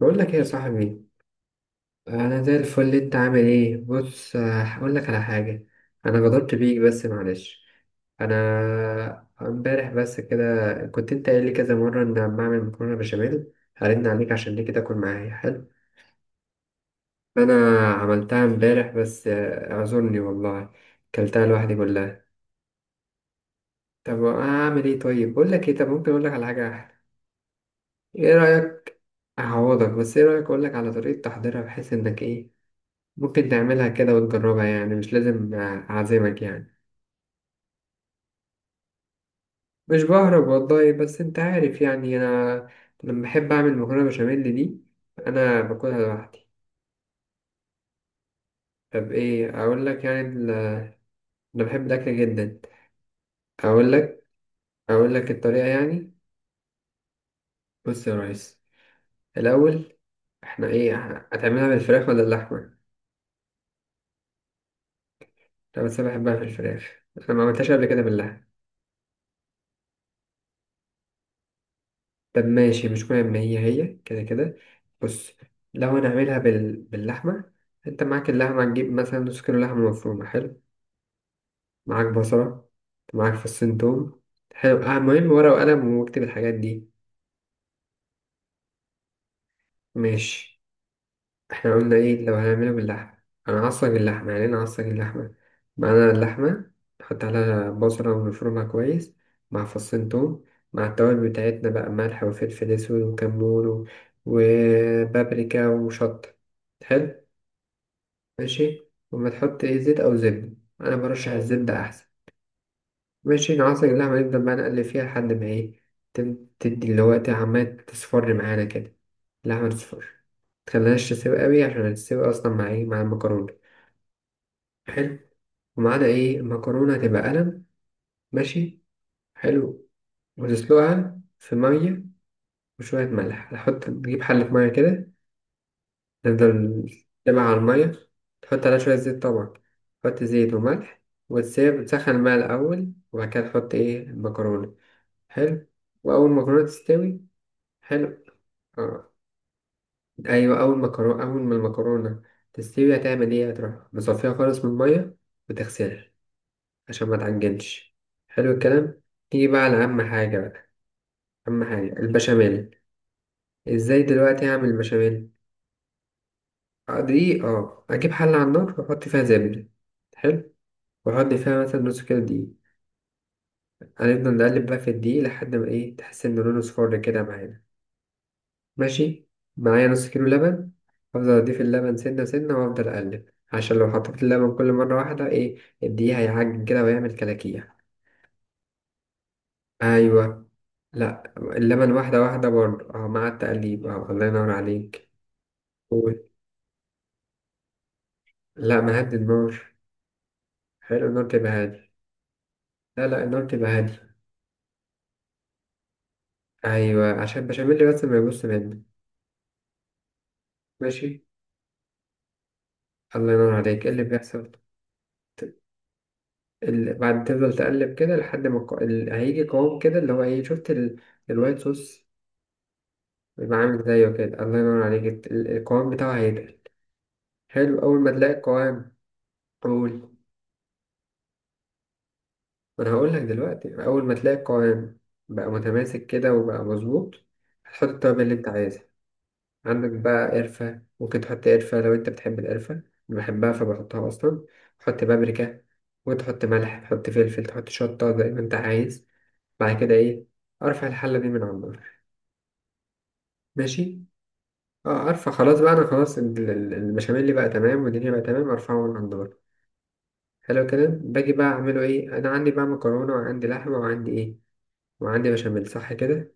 بقول لك ايه يا صاحبي. انا زي الفل، انت عامل ايه؟ بص، هقول لك على حاجه. انا غضبت بيك بس معلش. انا امبارح بس كده، كنت انت قايل لي كذا مره ان لما اعمل مكرونه بشاميل هرن عليك، عشان ليه كده تاكل معايا، حلو. انا عملتها امبارح بس اعذرني والله، كلتها لوحدي كلها. طب اعمل ايه؟ طيب، بقول لك ايه؟ طب ممكن اقول لك على حاجه احلى؟ ايه رايك اعوضك، بس ايه رايك اقول لك على طريقه تحضيرها، بحيث انك ايه، ممكن تعملها كده وتجربها، يعني مش لازم أعزمك يعني. مش بهرب والله، بس أنت عارف يعني، أنا لما بحب أعمل مكرونة بشاميل دي، أنا باكلها لوحدي. طب إيه أقول لك يعني ال-، أنا بحب الأكل جدا. أقول لك، أقول لك الطريقة يعني. بص يا ريس، الأول إحنا إيه، هتعملها بالفراخ ولا اللحمة؟ أنا بس بحبها في الفراخ، أنا ما عملتهاش قبل كده باللحمة. طب ماشي، مش مهم، هي هي كده كده. بص، لو هنعملها باللحمة، انت معاك اللحمة، هتجيب مثلا نص كيلو لحمة مفرومة، حلو. معاك بصلة، معاك فصين توم. حلو، مهم ورقة وقلم واكتب الحاجات دي. ماشي. احنا قلنا ايه لو هنعمله باللحمة؟ انا هعصج اللحمة، يعني انا هعصج اللحمة. معانا اللحمة، نحط عليها بصلة ونفرمها كويس، مع فصين توم، مع التوابل بتاعتنا بقى، ملح وفلفل اسود وكمون وبابريكا وشطة. حلو. ماشي، وما تحط ايه زيت او زبدة، انا برشح الزبدة احسن. ماشي، نعصر اللحمة، نفضل بقى نقلب فيها لحد ما ايه، تدي اللي هو إيه، عمالة تصفر معانا كده، اللحمة تصفر. متخليهاش تسيب قوي، عشان تسيب أصلا مع ايه، مع المكرونة. حلو، ومعانا ايه، المكرونة هتبقى قلم، ماشي، حلو. وتسلقها في مية وشوية ملح، نحط نجيب حلة مية كده، نفضل. تبع على المية، تحط عليها شوية زيت طبعا، تحط زيت وملح. وتسيب تسخن الماء الأول وبعد كده تحط ايه المكرونة. حلو، وأول ما المكرونة تستوي، حلو. آه. أيوة، أول ما المكرونة تستوي، هتعمل إيه؟ هتروح مصفيها خالص من المية وتغسلها عشان ما تعجنش. حلو الكلام. تيجي بقى على أهم حاجة بقى، أهم حاجة البشاميل. إزاي دلوقتي أعمل البشاميل؟ دقيق، أجيب حلة على النار وأحط فيها زبدة. حلو. وأحط فيها مثلا نص كيلو دقيق، هنفضل نقلب بقى في الدقيق لحد ما إيه، تحس إن لونه صفار كده معانا. ماشي. معايا نص كيلو لبن، أفضل أضيف اللبن سنة سنة وأفضل أقلب، عشان لو حطيت اللبن كل مرة واحدة إيه، الدقيق هيعجن كده ويعمل كلاكيع. أيوة. لأ اللبن واحدة واحدة برضه، مع التقليب، الله ينور عليك. قول. لأ مهدي النار، حلو، النار تبقى هادي. لا لا، النار تبقى هادي. أيوة، عشان البشاميل بس ما يبص منك. ماشي. الله ينور عليك، إيه اللي بيحصل. ت- بعد تفضل تقلب كده لحد ما هيجي قوام كده، اللي هو إيه، شفت الوايت صوص، يبقى عامل زيه كده، الله ينور عليك. القوام بتاعه هيتقل. حلو، أول ما تلاقي القوام. قول. ما أنا هقول لك دلوقتي، أول ما تلاقي القوام بقى متماسك كده وبقى مظبوط، هتحط التوابل اللي أنت عايزها. عندك بقى قرفة، ممكن تحط قرفة لو أنت بتحب القرفة، أنا بحبها فبحطها أصلا. تحط بابريكا، وتحط ملح، تحط فلفل، تحط شطة زي ما أنت عايز. بعد كده إيه، أرفع الحلة دي من على النار. ماشي. اه ارفع خلاص بقى، انا خلاص البشاميل اللي بقى تمام والدنيا بقى تمام، ارفعه من على النار. حلو كده، باجي بقى اعمله ايه؟ انا عندي بقى مكرونه، وعندي لحمه، وعندي ايه، وعندي بشاميل، صح كده.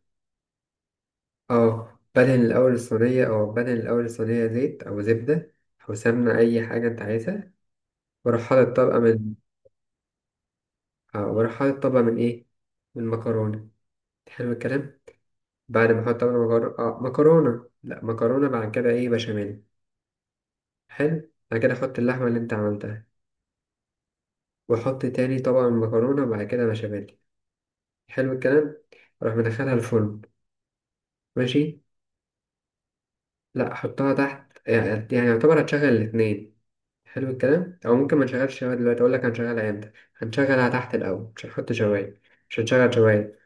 اه بدهن الاول الصينيه، او بدهن الاول الصينيه زيت او زبده او سمنه، اي حاجه انت عايزها. واروح حاطط طبقه من، اه واروح حاطط طبقه من ايه، من مكرونه. حلو الكلام. بعد ما احط طبقه مكرونه، اه مكرونه لا مكرونه بعد كده ايه، بشاميل. حلو، بعد كده احط اللحمه اللي انت عملتها، واحط تاني طبقه من مكرونه، وبعد كده بشاميل. حلو الكلام. اروح مدخلها الفرن، ماشي. لا حطها تحت، يعني يعتبر هتشغل الاتنين. حلو الكلام، او ممكن ما نشغلش شوايه دلوقتي، اقول لك هنشغلها امتى، هنشغلها تحت الاول، مش هنحط شوايه، مش هنشغل شوايه.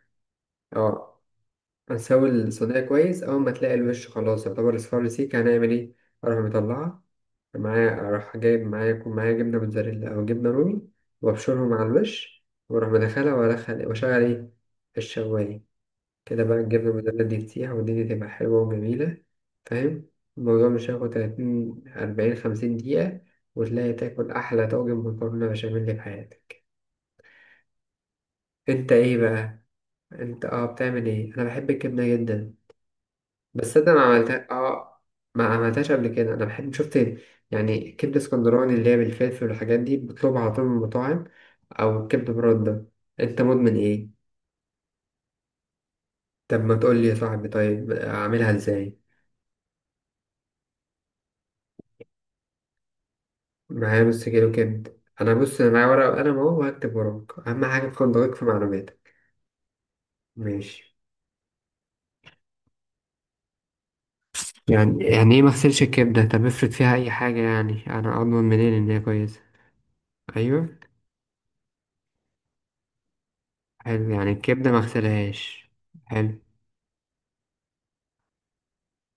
اه. هنسوي الصينيه كويس، اول ما تلاقي الوش خلاص يعتبر اصفر رسيك، هنعمل ايه، اروح مطلعها. معايا، اروح جايب معايا، يكون معايا جبنه موتزاريلا او جبنه رومي، وابشرهم على الوش، واروح مدخلها وادخل واشغل ايه، الشوايه. كده بقى الجبنة الموتزاريلا دي تسيح، والدنيا تبقى حلوة وجميلة، فاهم. الموضوع مش هياخد 30 40 50 دقيقة، وتلاقي تاكل أحلى طاجن مكرونة بشاميل في حياتك. أنت إيه بقى؟ أنت بتعمل إيه؟ أنا بحب الجبنة جدا، بس أنا ما عملتها ما عملتهاش قبل كده. أنا بحب، شفت، يعني كبدة اسكندراني، اللي هي بالفلفل والحاجات دي، بطلبها على طول من المطاعم، أو كبدة برده. أنت مدمن إيه؟ طب ما تقولي يا صاحبي، طيب أعملها إزاي؟ معايا نص كيلو كبد، انا بص، انا معايا ورقه وقلم اهو وهكتب وراك، اهم حاجه تكون دقيق في معلوماتك. ماشي. يعني ايه ما اغسلش الكبده؟ طب افرض فيها اي حاجه، يعني انا اضمن منين ان هي كويسه. ايوه. حلو، يعني الكبده ما اغسلهاش. حلو.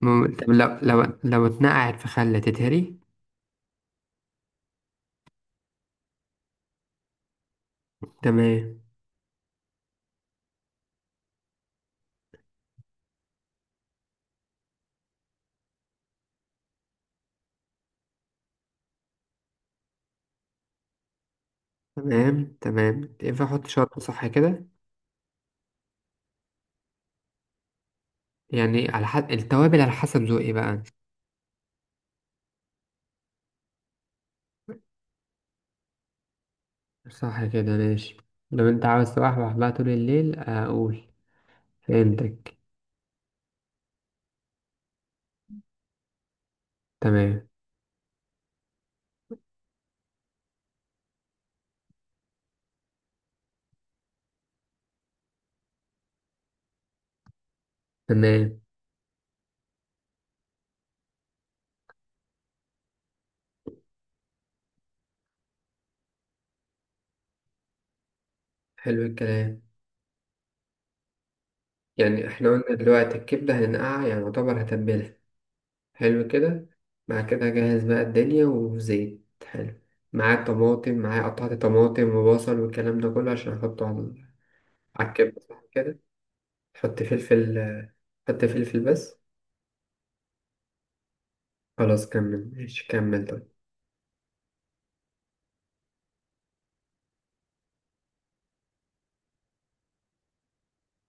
طب لو اتنقعت في خل تتهري. تمام تمام تمام، ينفع احط شطه صح كده؟ يعني على حد التوابل، على حسب ذوقي بقى. صح كده، ماشي. لو انت عاوز توحوح بقى طول الليل اقول. فهمتك. تمام تمام. حلو الكلام. يعني احنا قلنا دلوقتي الكبدة هننقعها، يعني يعتبر هتبلها. حلو كده. بعد كده أجهز بقى الدنيا، وزيت حلو، معاه طماطم، قطعة طماطم وبصل، والكلام ده كله عشان أحطه على، على الكبدة، صح كده. حط فلفل. حط فلفل بس. خلاص كمل ماشي، كمل طيب.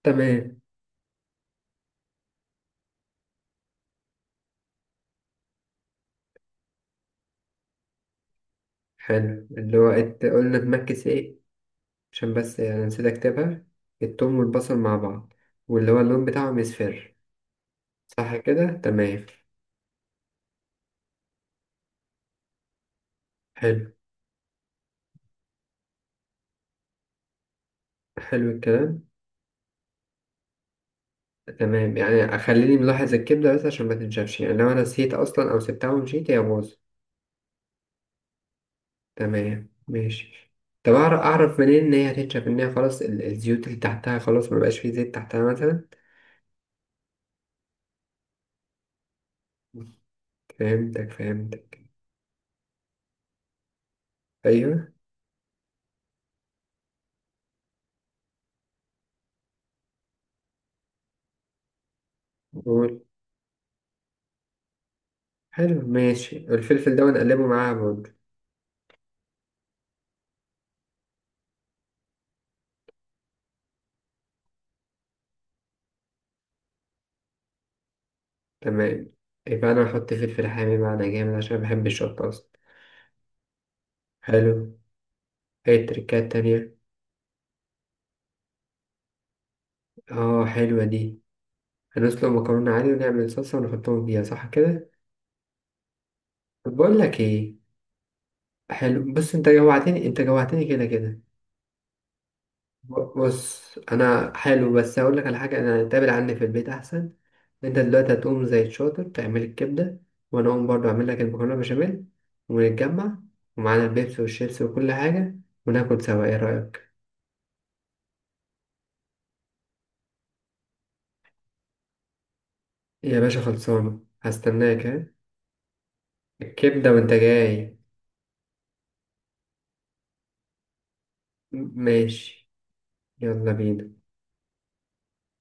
تمام. حلو، اللي هو قلنا تمكس ايه، عشان بس يعني نسيت اكتبها. التوم والبصل مع بعض، واللي هو اللون بتاعهم يصفر. صح كده، تمام. حلو. حلو الكلام. تمام، يعني خليني ملاحظ الكبدة بس عشان ما تنشفش، يعني لو أنا نسيت أصلا أو سبتها ومشيت هي باظت. تمام ماشي. طب أعرف منين إن هي هتنشف، إن هي خلاص الزيوت اللي تحتها خلاص مبقاش فيه زيت تحتها مثلا. فهمتك فهمتك. أيوه. قول. حلو ماشي، الفلفل ده ونقلبه معاها برضه. تمام. يبقى أنا هحط فلفل حامي معانا جامد، عشان بحب الشطة أصلا. حلو. إيه التركات التانية؟ آه، حلوة دي. هنسلق مكرونة عادي ونعمل صلصة ونحطهم فيها، صح كده؟ طب بقول لك ايه، حلو، بص انت جوعتني، انت جوعتني كده كده. بص انا حلو، بس هقول لك على حاجة، انا هتقابل عني في البيت احسن. انت دلوقتي هتقوم زي الشاطر تعمل الكبدة، وانا اقوم برضه اعمل لك المكرونة بشاميل، ونتجمع، ومعانا البيبسي والشيبسي وكل حاجة، وناكل سوا، ايه رأيك؟ يا باشا خلصانة، هستناك ها. الكبدة وانت جاي. ماشي، يلا بينا.